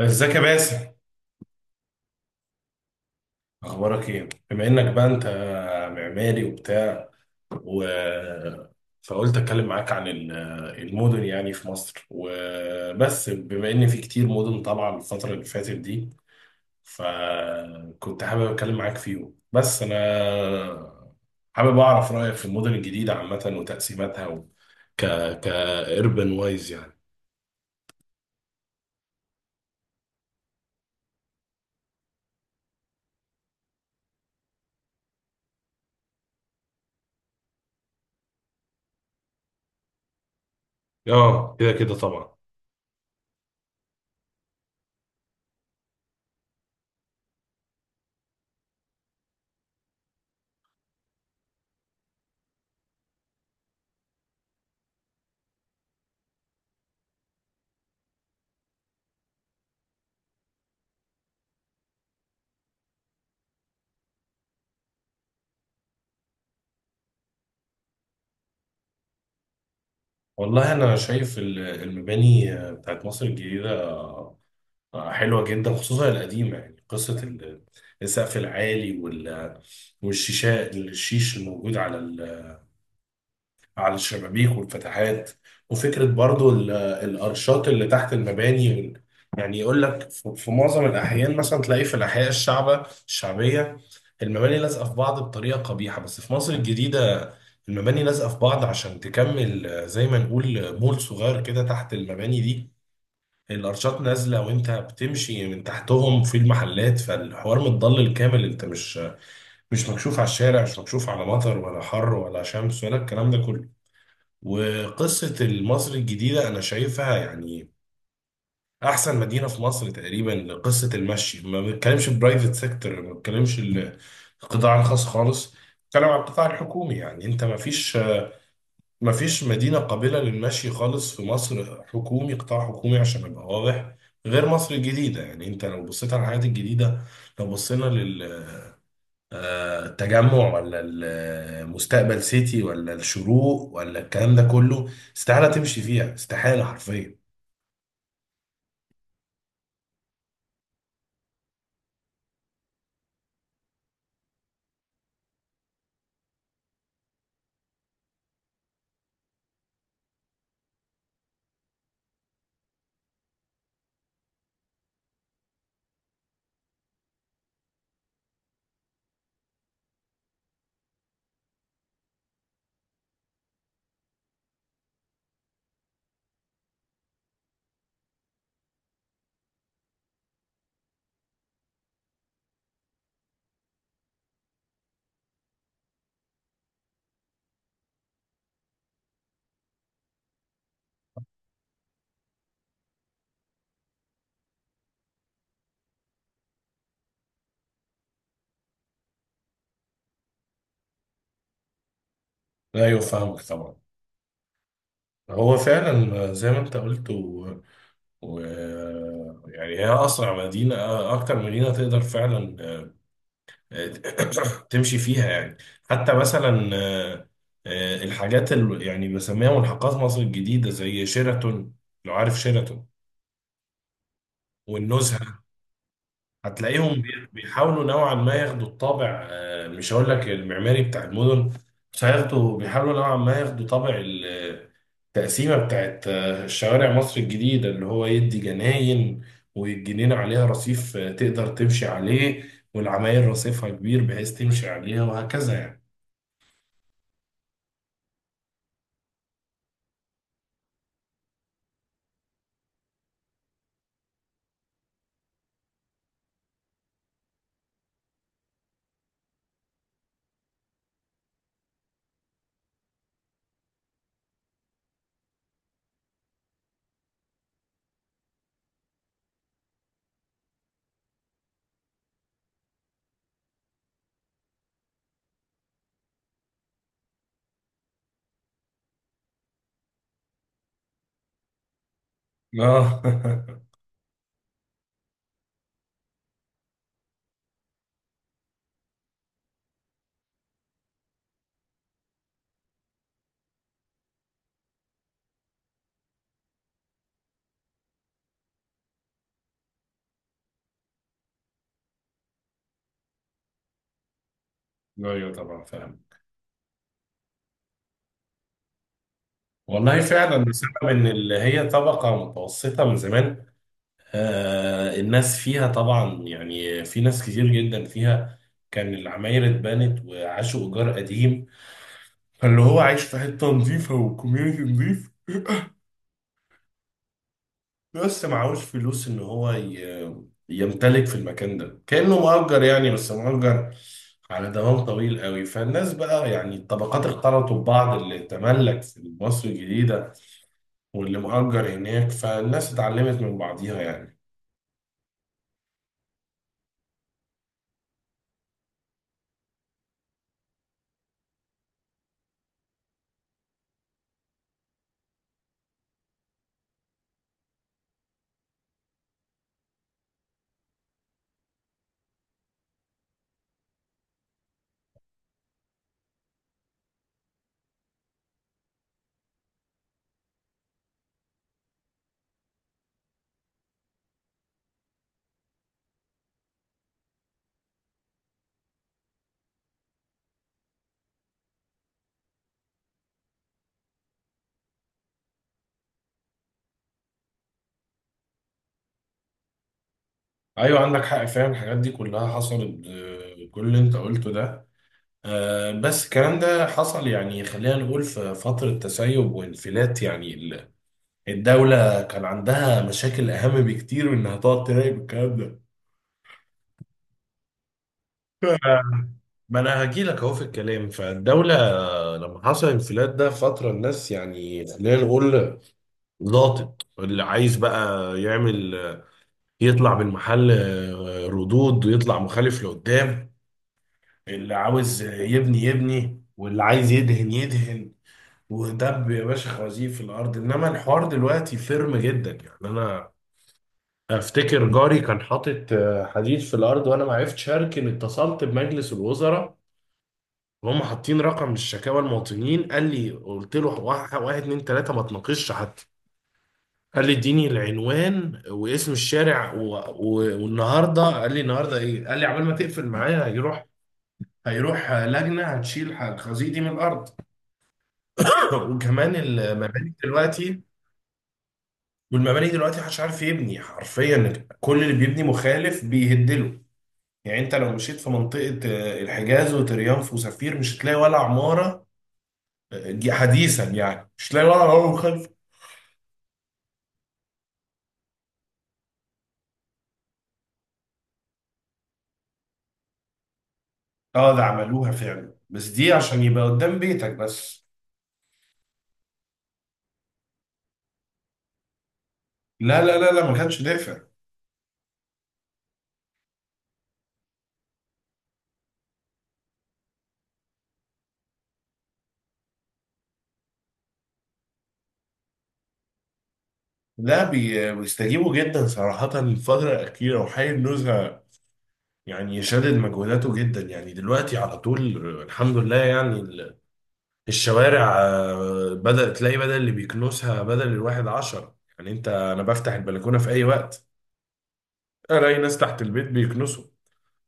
ازيك يا باسم. اخبارك ايه بما انك بقى انت معماري وبتاع و... فقلت اتكلم معاك عن المدن يعني في مصر وبس بما ان في كتير مدن طالعه الفتره اللي فاتت دي، فكنت حابب اتكلم معاك فيهم، بس انا حابب اعرف رايك في المدن الجديده عامه وتقسيماتها و... ك ك اربن وايز يعني. اه، كده كده طبعا. والله انا شايف المباني بتاعت مصر الجديده حلوة جدا، خصوصا القديمة، يعني قصة السقف العالي والشيشة، الشيش الموجود على على الشبابيك والفتحات، وفكرة برضو الأرشات اللي تحت المباني. يعني يقول لك في معظم الأحيان مثلا تلاقي في الأحياء الشعبية المباني لازقة في بعض بطريقة قبيحة، بس في مصر الجديدة المباني لازقة في بعض عشان تكمل، زي ما نقول مول صغير كده تحت المباني دي. الارشات نازله وانت بتمشي من تحتهم في المحلات، فالحوار متضلل كامل، انت مش مكشوف على الشارع، مش مكشوف على مطر ولا حر ولا شمس ولا الكلام ده كله. وقصه مصر الجديده انا شايفها يعني احسن مدينه في مصر تقريبا لقصه المشي. ما بنتكلمش البرايفت سيكتور، ما بنتكلمش القطاع الخاص خالص، بنتكلم على القطاع الحكومي. يعني انت ما فيش مفيش مدينة قابلة للمشي خالص في مصر، حكومي، قطاع حكومي عشان أبقى واضح، غير مصر الجديدة. يعني أنت لو بصيت على الحاجات الجديدة، لو بصينا للتجمع ولا المستقبل سيتي ولا الشروق ولا الكلام ده كله، استحالة تمشي فيها، استحالة حرفيا. أيوة فاهمك طبعا. هو فعلا زي ما أنت قلت و... يعني هي أسرع مدينة، أكتر مدينة تقدر فعلا تمشي فيها يعني. حتى مثلا الحاجات اللي يعني بسميها ملحقات مصر الجديدة زي شيراتون، لو عارف شيراتون، والنزهة، هتلاقيهم بيحاولوا نوعا ما ياخدوا الطابع، مش هقول لك المعماري بتاع المدن، بس هياخدوا، بيحاولوا نوعا ما ياخدوا طابع التقسيمة بتاعت شوارع مصر الجديدة، اللي هو يدي جناين والجنينة عليها رصيف، تقدر تمشي عليه، والعماير رصيفها كبير بحيث تمشي عليها وهكذا يعني. اه. ايوه طبعا فاهم. والله فعلا بسبب ان اللي هي طبقه متوسطه من زمان، آه الناس فيها طبعا، يعني في ناس كتير جدا فيها كان العماير اتبنت وعاشوا ايجار قديم، فاللي هو عايش في حته نظيفه وكوميونتي نظيف بس معهوش فلوس ان يمتلك في المكان ده، كانه مؤجر، يعني بس مؤجر على دوام طويل قوي. فالناس بقى يعني الطبقات اختلطوا ببعض، اللي تملك في مصر الجديده واللي مأجر هناك، فالناس اتعلمت من بعضيها يعني. ايوه عندك حق فعلا، الحاجات دي كلها حصلت، كل اللي انت قلته ده، بس الكلام ده حصل يعني، خلينا نقول، في فترة تسيب وانفلات، يعني الدولة كان عندها مشاكل أهم بكتير من إنها تقعد تراقب الكلام ده. آه، ما انا هجيلك اهو في الكلام. فالدولة لما حصل الانفلات ده فترة، الناس يعني خلينا نقول لاطت، اللي عايز بقى يعمل يطلع بالمحل ردود ويطلع مخالف لقدام، اللي عاوز يبني يبني، واللي عايز يدهن يدهن، ودب يا باشا خوازيق في الارض. انما الحوار دلوقتي فيرم جدا، يعني انا افتكر جاري كان حاطط حديد في الارض وانا ما عرفتش اركن، اتصلت بمجلس الوزراء وهم حاطين رقم الشكاوى المواطنين، قال لي، قلت له واحد واحد اتنين تلاته ما تناقشش حتى، قال لي اديني العنوان واسم الشارع والنهارده، قال لي النهارده ايه، قال لي عبال ما تقفل معايا هيروح، هيروح لجنه هتشيل الخزيق دي من الارض. وكمان المباني دلوقتي، والمباني دلوقتي محدش عارف يبني حرفيا، كل اللي بيبني مخالف بيهدله. يعني انت لو مشيت في منطقه، الحجاز وتريانف وسفير، مش هتلاقي ولا عماره حديثا، يعني مش هتلاقي ولا عماره مخالفه. اه ده عملوها فعلا، بس دي عشان يبقى قدام بيتك بس. لا لا لا لا، ما كانش دافع. لا، بيستجيبوا جدا صراحة الفترة الأخيرة، وحي النزهة يعني شادد مجهوداته جدا يعني دلوقتي على طول. الحمد لله يعني الشوارع، بدأت تلاقي بدل اللي بيكنسها بدل الواحد عشرة، يعني أنت أنا بفتح البلكونة في أي وقت ألاقي ناس تحت البيت بيكنسوا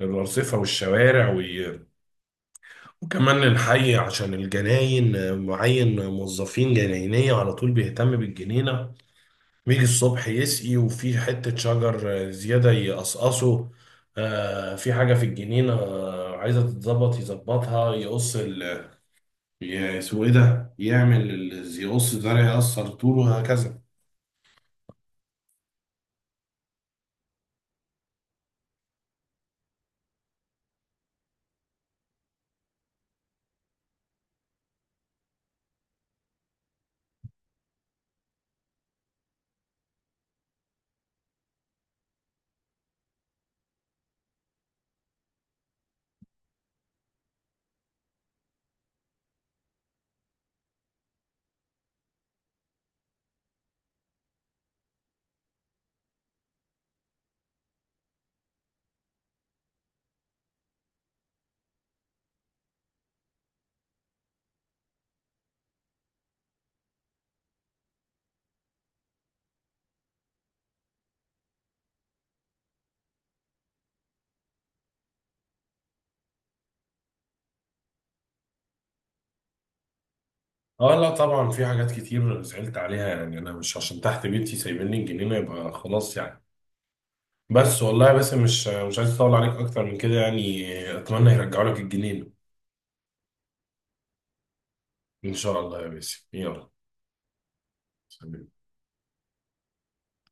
الأرصفة والشوارع وكمان الحي عشان الجناين، معين موظفين جناينية على طول بيهتم بالجنينة، بيجي الصبح يسقي وفي حتة شجر زيادة يقصقصه، في حاجة في الجنينة عايزة تتظبط يظبطها، يقص ال اسمه ايه ده، يعمل يقص زرع يقصر طوله وهكذا. اه لا طبعا، في حاجات كتير زعلت عليها، يعني انا مش عشان تحت بيتي سايبين لي الجنينة يبقى خلاص يعني. بس والله، بس مش عايز اطول عليك اكتر من كده يعني، اتمنى يرجعوا لك الجنينة. ان شاء الله يا باسم، يلا سلام.